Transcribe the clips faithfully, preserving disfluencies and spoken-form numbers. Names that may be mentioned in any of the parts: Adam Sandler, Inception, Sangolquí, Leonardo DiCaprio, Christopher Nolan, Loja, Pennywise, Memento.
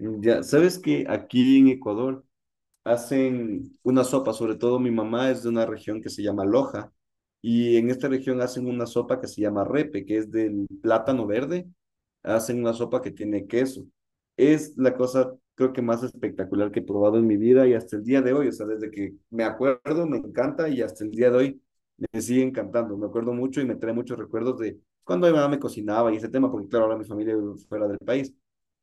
Ya, sabes que aquí en Ecuador hacen una sopa, sobre todo mi mamá es de una región que se llama Loja, y en esta región hacen una sopa que se llama repe, que es del plátano verde, hacen una sopa que tiene queso. Es la cosa, creo que más espectacular que he probado en mi vida y hasta el día de hoy, o sea, desde que me acuerdo, me encanta y hasta el día de hoy me sigue encantando, me acuerdo mucho y me trae muchos recuerdos de cuando mi mamá me cocinaba y ese tema, porque claro, ahora mi familia vive fuera del país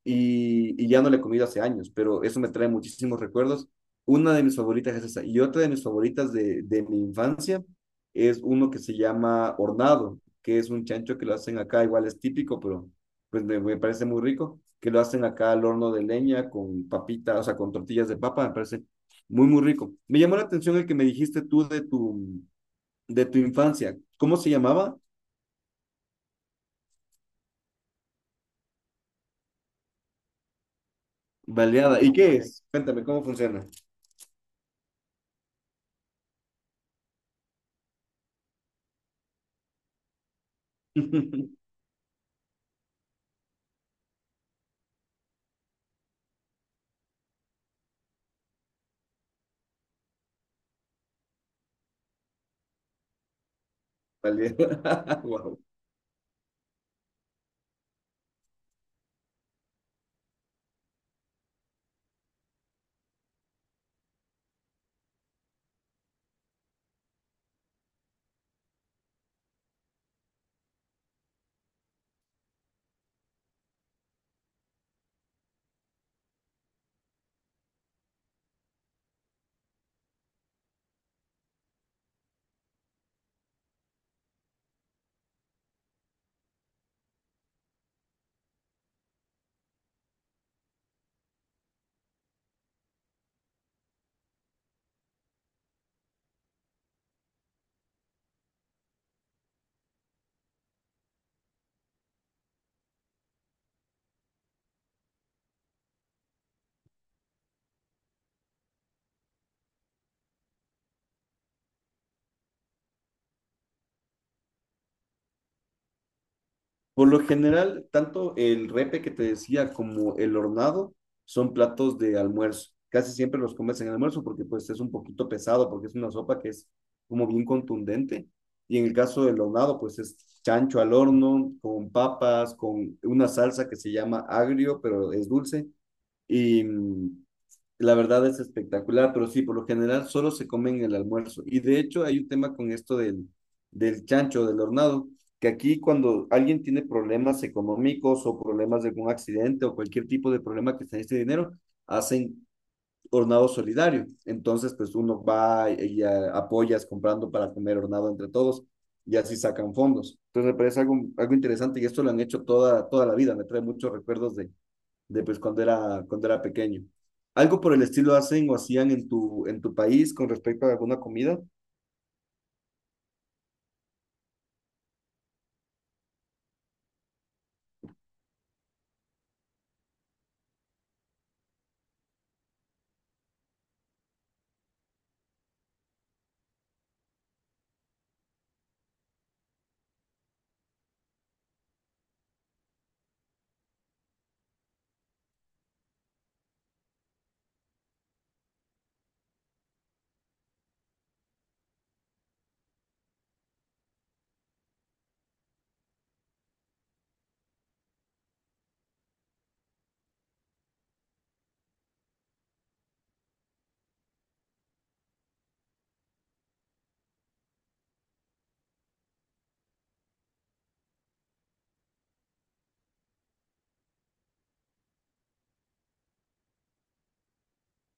y, y ya no le he comido hace años, pero eso me trae muchísimos recuerdos. Una de mis favoritas es esa y otra de mis favoritas de, de mi infancia es uno que se llama hornado, que es un chancho que lo hacen acá, igual es típico, pero pues me, me parece muy rico, que lo hacen acá al horno de leña con papitas, o sea, con tortillas de papa, me parece muy, muy rico. Me llamó la atención el que me dijiste tú de tu, de tu infancia, ¿cómo se llamaba? Baleada. ¿Y qué es? Cuéntame, ¿cómo funciona? Baleada. Wow. Por lo general, tanto el repe que te decía como el hornado son platos de almuerzo. Casi siempre los comes en el almuerzo porque pues es un poquito pesado, porque es una sopa que es como bien contundente. Y en el caso del hornado, pues es chancho al horno, con papas, con una salsa que se llama agrio, pero es dulce. Y mm, La verdad es espectacular, pero sí, por lo general solo se come en el almuerzo. Y de hecho hay un tema con esto del, del chancho, del hornado, que aquí cuando alguien tiene problemas económicos o problemas de algún accidente o cualquier tipo de problema que se necesite dinero, hacen hornado solidario. Entonces, pues uno va y a- apoyas comprando para comer hornado entre todos y así sacan fondos. Entonces me parece algo, algo interesante y esto lo han hecho toda, toda la vida. Me trae muchos recuerdos de, de pues cuando era, cuando era pequeño. ¿Algo por el estilo hacen o hacían en tu, en tu país con respecto a alguna comida?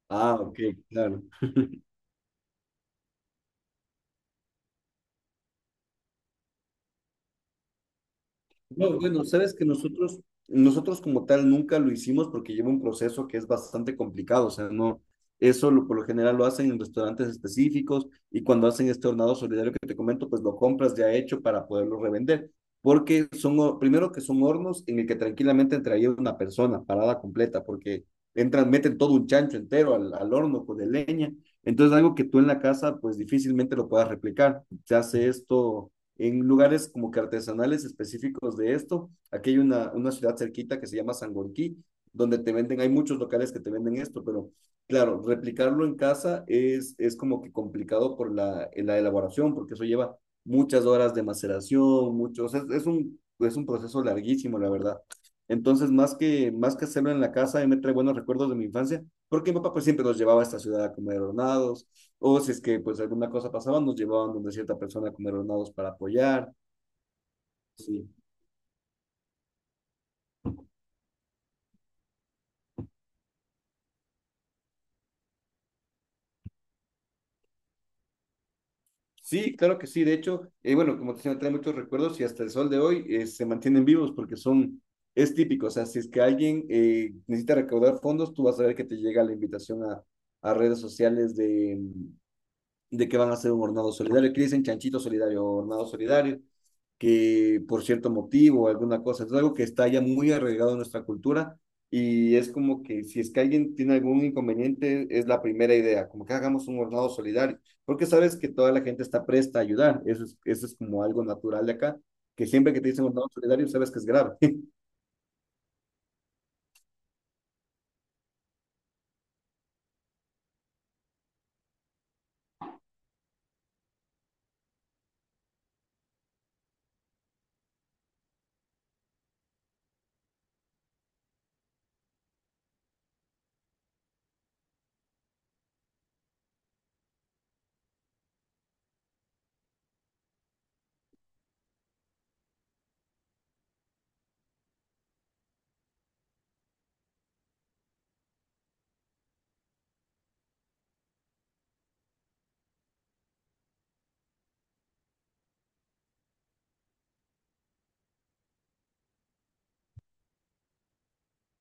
Ah, ok, claro. No, bueno, sabes que nosotros, nosotros como tal nunca lo hicimos porque lleva un proceso que es bastante complicado, o sea, no, eso lo- por lo general lo hacen en restaurantes específicos y cuando hacen este hornado solidario que te comento, pues lo compras ya hecho para poderlo revender, porque son, hor- primero que son hornos en el que tranquilamente entraría una persona parada completa, porque entran, meten todo un chancho entero al, al horno con de leña, entonces algo que tú en la casa pues difícilmente lo puedas replicar, se hace esto en lugares como que artesanales específicos de esto. Aquí hay una, una ciudad cerquita que se llama Sangolquí, donde te venden, hay muchos locales que te venden esto, pero claro, replicarlo en casa es, es como que complicado por la, la elaboración, porque eso lleva muchas horas de maceración, muchos, es, es, un, es un proceso larguísimo, la verdad. Entonces, más que, más que hacerlo en la casa, me trae buenos recuerdos de mi infancia, porque mi papá pues, siempre nos llevaba a esta ciudad a comer hornados, o si es que pues alguna cosa pasaba, nos llevaban donde cierta persona a comer hornados para apoyar. Sí, sí, claro que sí. De hecho, eh, bueno, como te decía, me trae muchos recuerdos y hasta el sol de hoy eh, se mantienen vivos porque son, es típico. O sea, si es que alguien eh, necesita recaudar fondos, tú vas a ver que te llega la invitación a, a redes sociales de, de que van a hacer un hornado solidario, que dicen chanchito solidario o hornado solidario, que por cierto motivo alguna cosa, es algo que está ya muy arraigado en nuestra cultura y es como que si es que alguien tiene algún inconveniente, es la primera idea, como que hagamos un hornado solidario, porque sabes que toda la gente está presta a ayudar, eso es, eso es como algo natural de acá, que siempre que te dicen hornado solidario sabes que es grave.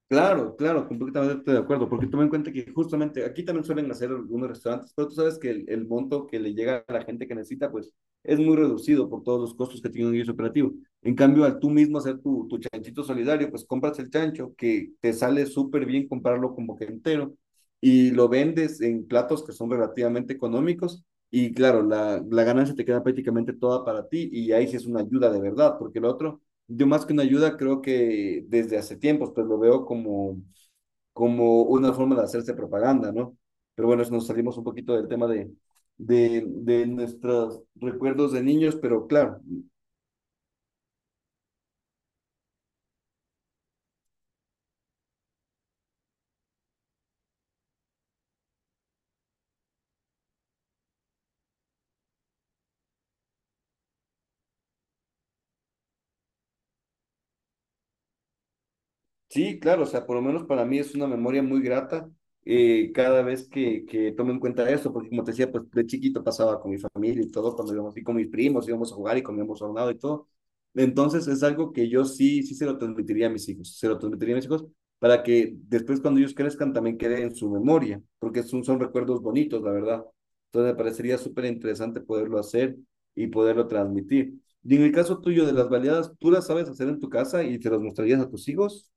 Claro, claro, completamente de acuerdo, porque toma en cuenta que justamente aquí también suelen hacer algunos restaurantes, pero tú sabes que el, el monto que le llega a la gente que necesita, pues es muy reducido por todos los costos que tiene un guiso operativo. En cambio, al tú mismo hacer tu, tu chanchito solidario, pues compras el chancho que te sale súper bien comprarlo como que entero y lo vendes en platos que son relativamente económicos y claro, la, la ganancia te queda prácticamente toda para ti y ahí sí es una ayuda de verdad, porque el otro yo más que una ayuda creo que desde hace tiempos, pues lo veo como, como una forma de hacerse propaganda, ¿no? Pero bueno, nos salimos un poquito del tema de, de, de nuestros recuerdos de niños, pero claro, sí, claro, o sea, por lo menos para mí es una memoria muy grata eh, cada vez que, que tomo en cuenta eso, porque como te decía, pues de chiquito pasaba con mi familia y todo, cuando íbamos y con mis primos, íbamos a jugar y comíamos hornado y todo. Entonces es algo que yo sí, sí se lo transmitiría a mis hijos, se lo transmitiría a mis hijos para que después cuando ellos crezcan también quede en su memoria, porque son, son recuerdos bonitos, la verdad. Entonces me parecería súper interesante poderlo hacer y poderlo transmitir. Y en el caso tuyo de las baleadas, ¿tú las sabes hacer en tu casa y te las mostrarías a tus hijos?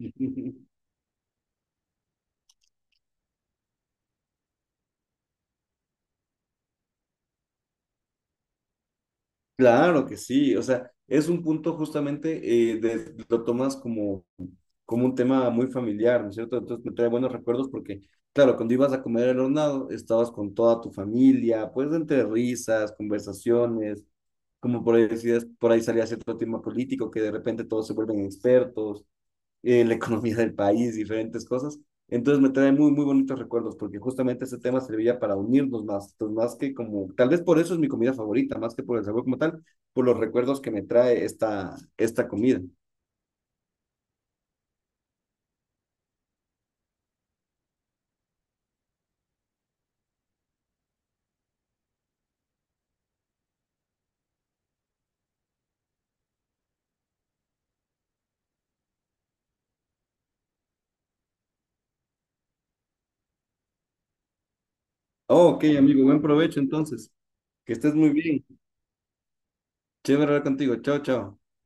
Claro que sí, o sea, es un punto justamente, eh, de- lo tomas como, como un tema muy familiar, ¿no es cierto? Entonces me trae buenos recuerdos porque, claro, cuando ibas a comer el hornado, estabas con toda tu familia, pues entre risas, conversaciones, como por ahí decías, por ahí salía cierto tema político que de repente todos se vuelven expertos, eh, la economía del país, diferentes cosas. Entonces me trae muy, muy bonitos recuerdos, porque justamente este tema servía para unirnos más, entonces más que como, tal vez por eso es mi comida favorita, más que por el sabor como tal, por los recuerdos que me trae esta, esta comida. Oh, ok, amigo, buen provecho entonces. Que estés muy bien. Chévere hablar contigo. Chao, chao.